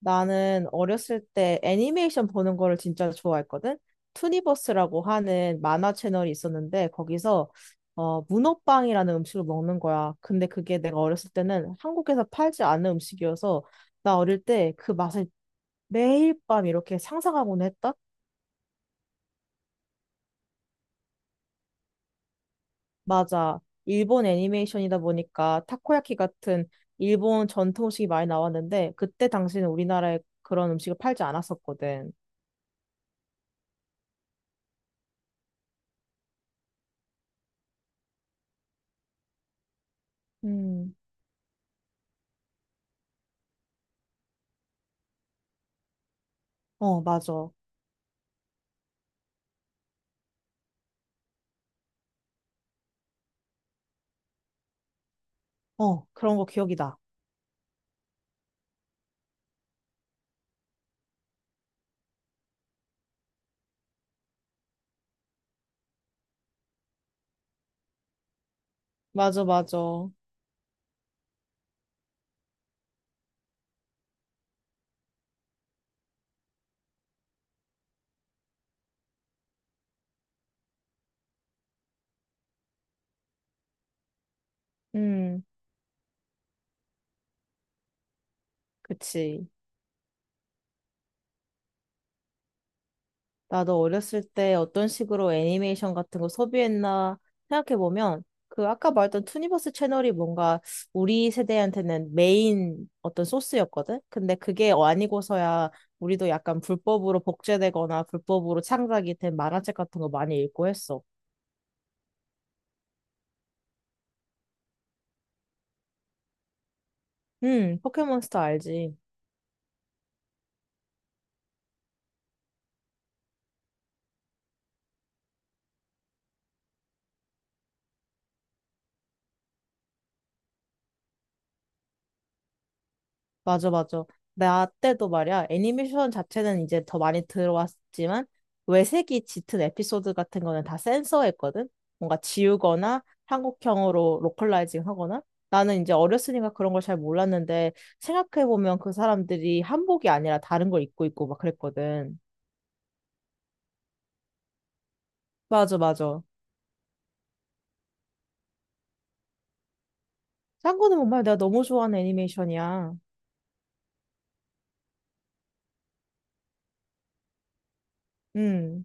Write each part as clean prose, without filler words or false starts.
나는 어렸을 때 애니메이션 보는 거를 진짜 좋아했거든. 투니버스라고 하는 만화 채널이 있었는데 거기서 문어빵이라는 음식을 먹는 거야. 근데 그게 내가 어렸을 때는 한국에서 팔지 않은 음식이어서 나 어릴 때 그 맛을 매일 밤 이렇게 상상하곤 했다? 맞아. 일본 애니메이션이다 보니까 타코야키 같은 일본 전통 음식이 많이 나왔는데 그때 당시는 우리나라에 그런 음식을 팔지 않았었거든. 음, 어, 맞아. 어, 그런 거 기억이다. 맞아, 맞아. 음, 그치. 나도 어렸을 때 어떤 식으로 애니메이션 같은 거 소비했나 생각해보면, 그 아까 말했던 투니버스 채널이 뭔가 우리 세대한테는 메인 어떤 소스였거든? 근데 그게 아니고서야 우리도 약간 불법으로 복제되거나 불법으로 창작이 된 만화책 같은 거 많이 읽고 했어. 포켓몬스터 알지. 맞아, 맞아. 나 때도 말이야, 애니메이션 자체는 이제 더 많이 들어왔지만, 외색이 짙은 에피소드 같은 거는 다 센서했거든? 뭔가 지우거나 한국형으로 로컬라이징 하거나? 나는 이제 어렸으니까 그런 걸 잘 몰랐는데, 생각해보면 그 사람들이 한복이 아니라 다른 걸 입고 있고 막 그랬거든. 맞아, 맞아. 짱구는 정말 내가 너무 좋아하는 애니메이션이야. 음.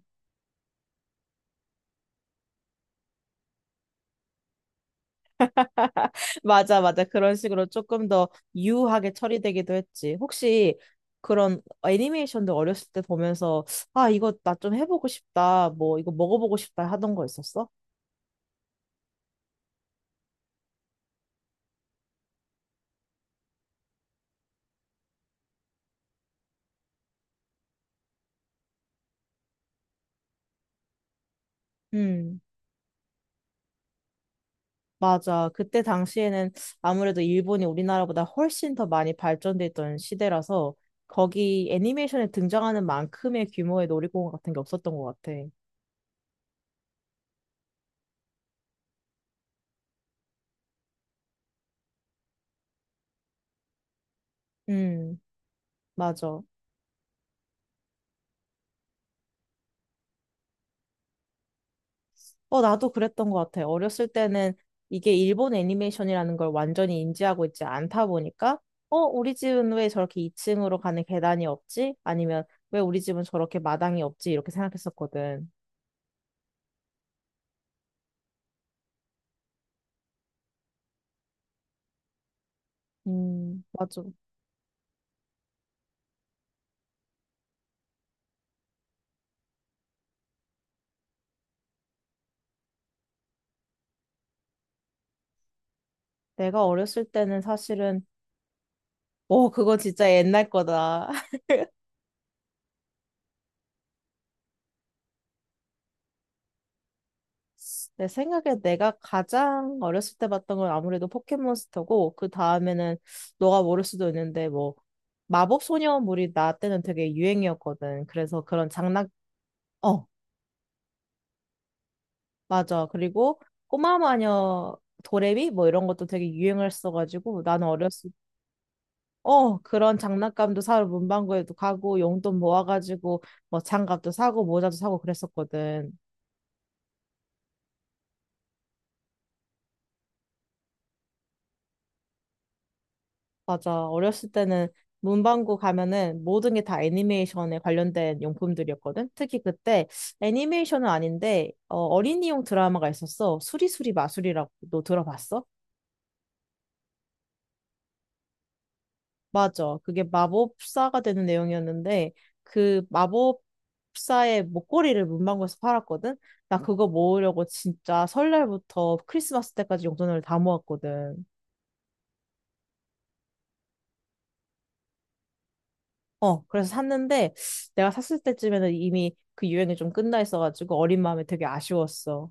맞아, 맞아. 그런 식으로 조금 더 유하게 처리되기도 했지. 혹시 그런 애니메이션도 어렸을 때 보면서, 아, 이거 나 좀 해보고 싶다. 뭐, 이거 먹어보고 싶다 하던 거 있었어? 음. 맞아. 그때 당시에는 아무래도 일본이 우리나라보다 훨씬 더 많이 발전돼 있던 시대라서 거기 애니메이션에 등장하는 만큼의 규모의 놀이공원 같은 게 없었던 것 같아. 음, 맞아. 어, 나도 그랬던 것 같아. 어렸을 때는 이게 일본 애니메이션이라는 걸 완전히 인지하고 있지 않다 보니까, 어, 우리 집은 왜 저렇게 2층으로 가는 계단이 없지? 아니면 왜 우리 집은 저렇게 마당이 없지? 이렇게 생각했었거든. 맞아. 내가 어렸을 때는 사실은 오, 그거 진짜 옛날 거다. 내 생각에 내가 가장 어렸을 때 봤던 건 아무래도 포켓몬스터고, 그 다음에는 너가 모를 수도 있는데, 뭐, 마법 소녀물이 나 때는 되게 유행이었거든. 그래서 그런 장난, 어, 맞아. 그리고 꼬마 마녀 도레미? 뭐 이런 것도 되게 유행을 써가지고, 나는 어렸을 어, 그런 장난감도 사러 문방구에도 가고, 용돈 모아가지고, 뭐 장갑도 사고, 모자도 사고 그랬었거든. 맞아. 어렸을 때는 문방구 가면은 모든 게 다 애니메이션에 관련된 용품들이었거든. 특히 그때 애니메이션은 아닌데 어린이용 드라마가 있었어. 수리수리 마술이라고 너 들어봤어? 맞아. 그게 마법사가 되는 내용이었는데 그 마법사의 목걸이를 문방구에서 팔았거든. 나 그거 모으려고 진짜 설날부터 크리스마스 때까지 용돈을 다 모았거든. 어, 그래서 샀는데 내가 샀을 때쯤에는 이미 그 유행이 좀 끝나 있어가지고 어린 마음에 되게 아쉬웠어.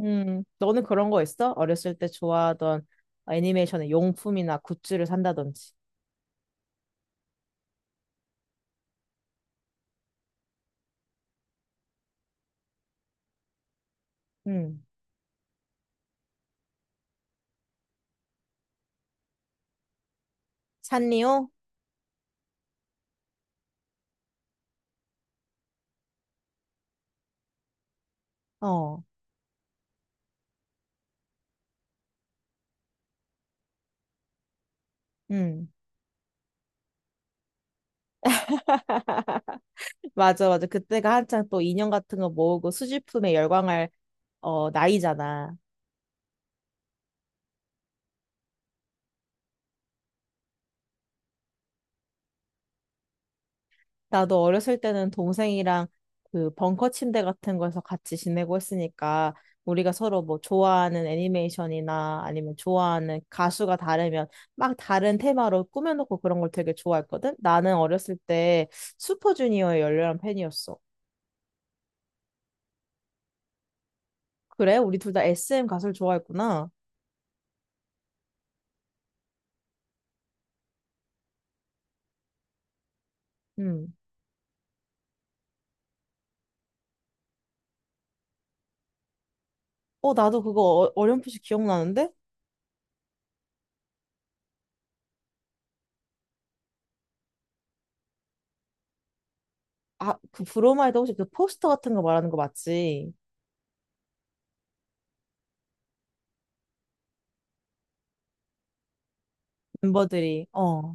너는 그런 거 있어? 어렸을 때 좋아하던 애니메이션의 용품이나 굿즈를 산다든지. 음, 샀니요? 어, 음. 맞아, 맞아. 그때가 한창 또 인형 같은 거 모으고 수집품에 열광할 어, 나이잖아. 나도 어렸을 때는 동생이랑 그 벙커 침대 같은 거에서 같이 지내고 했으니까 우리가 서로 뭐 좋아하는 애니메이션이나 아니면 좋아하는 가수가 다르면 막 다른 테마로 꾸며놓고 그런 걸 되게 좋아했거든? 나는 어렸을 때 슈퍼주니어의 열렬한 팬이었어. 그래? 우리 둘 다 SM 가수를 좋아했구나. 음. 어, 나도 그거 어- 어렴풋이 기억나는데? 아, 그 브로마이드 혹시 그 포스터 같은 거 말하는 거 맞지? 멤버들이. 어.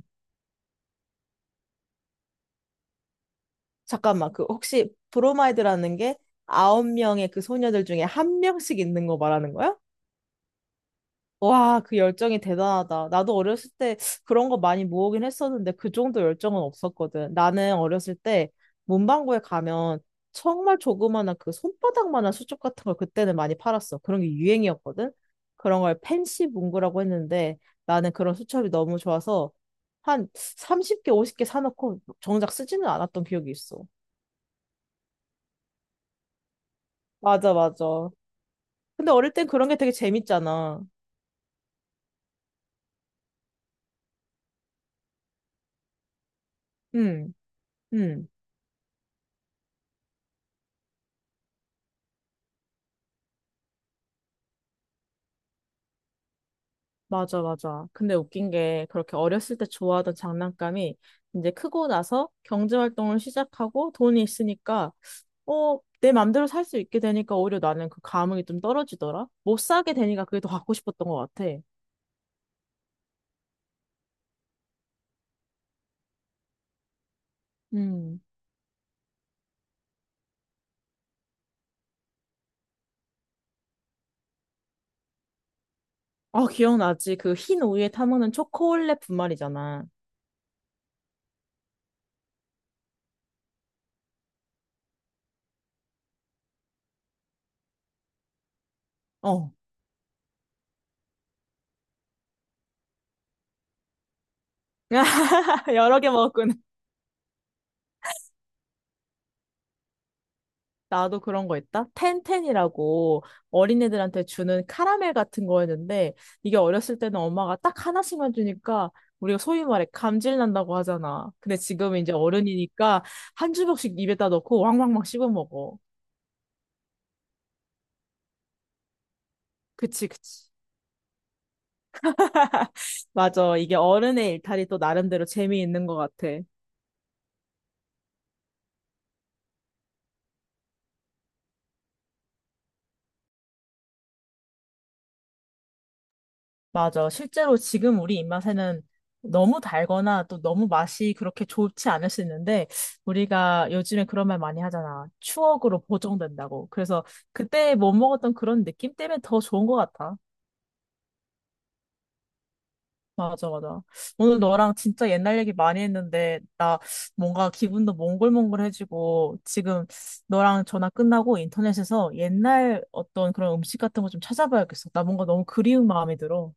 잠깐만, 그 혹시 브로마이드라는 게 아홉 명의 그 소녀들 중에 한 명씩 있는 거 말하는 거야? 와, 그 열정이 대단하다. 나도 어렸을 때 그런 거 많이 모으긴 했었는데 그 정도 열정은 없었거든. 나는 어렸을 때 문방구에 가면 정말 조그마한 그 손바닥만한 수첩 같은 걸 그때는 많이 팔았어. 그런 게 유행이었거든. 그런 걸 펜시 문구라고 했는데 나는 그런 수첩이 너무 좋아서 한 30개, 50개 사놓고 정작 쓰지는 않았던 기억이 있어. 맞아, 맞아. 근데 어릴 땐 그런 게 되게 재밌잖아. 응, 응, 맞아, 맞아. 근데 웃긴 게 그렇게 어렸을 때 좋아하던 장난감이 이제 크고 나서 경제 활동을 시작하고 돈이 있으니까 내 맘대로 살 수 있게 되니까 오히려 나는 그 감흥이 좀 떨어지더라. 못 사게 되니까 그게 더 갖고 싶었던 것 같아. 음. 아, 기억나지? 그 흰 우유에 타먹는 초콜릿 분말이잖아. 어. 여러 개 먹었구나. 나도 그런 거 있다. 텐텐이라고 어린애들한테 주는 카라멜 같은 거였는데 이게 어렸을 때는 엄마가 딱 하나씩만 주니까 우리가 소위 말해 감질 난다고 하잖아. 근데 지금 이제 어른이니까 한 주먹씩 입에다 넣고 왕왕왕 씹어 먹어. 그치, 그치. 맞아. 이게 어른의 일탈이 또 나름대로 재미있는 것 같아. 맞아. 실제로 지금 우리 입맛에는 너무 달거나 또 너무 맛이 그렇게 좋지 않을 수 있는데 우리가 요즘에 그런 말 많이 하잖아. 추억으로 보정된다고. 그래서 그때 못 먹었던 그런 느낌 때문에 더 좋은 것 같아. 맞아, 맞아. 오늘 너랑 진짜 옛날 얘기 많이 했는데 나 뭔가 기분도 몽글몽글해지고 지금 너랑 전화 끝나고 인터넷에서 옛날 어떤 그런 음식 같은 거 좀 찾아봐야겠어. 나 뭔가 너무 그리운 마음이 들어.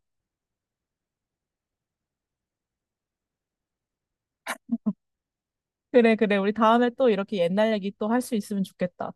그래, 그래. 우리 다음에 또 이렇게 옛날 얘기 또 할 수 있으면 좋겠다.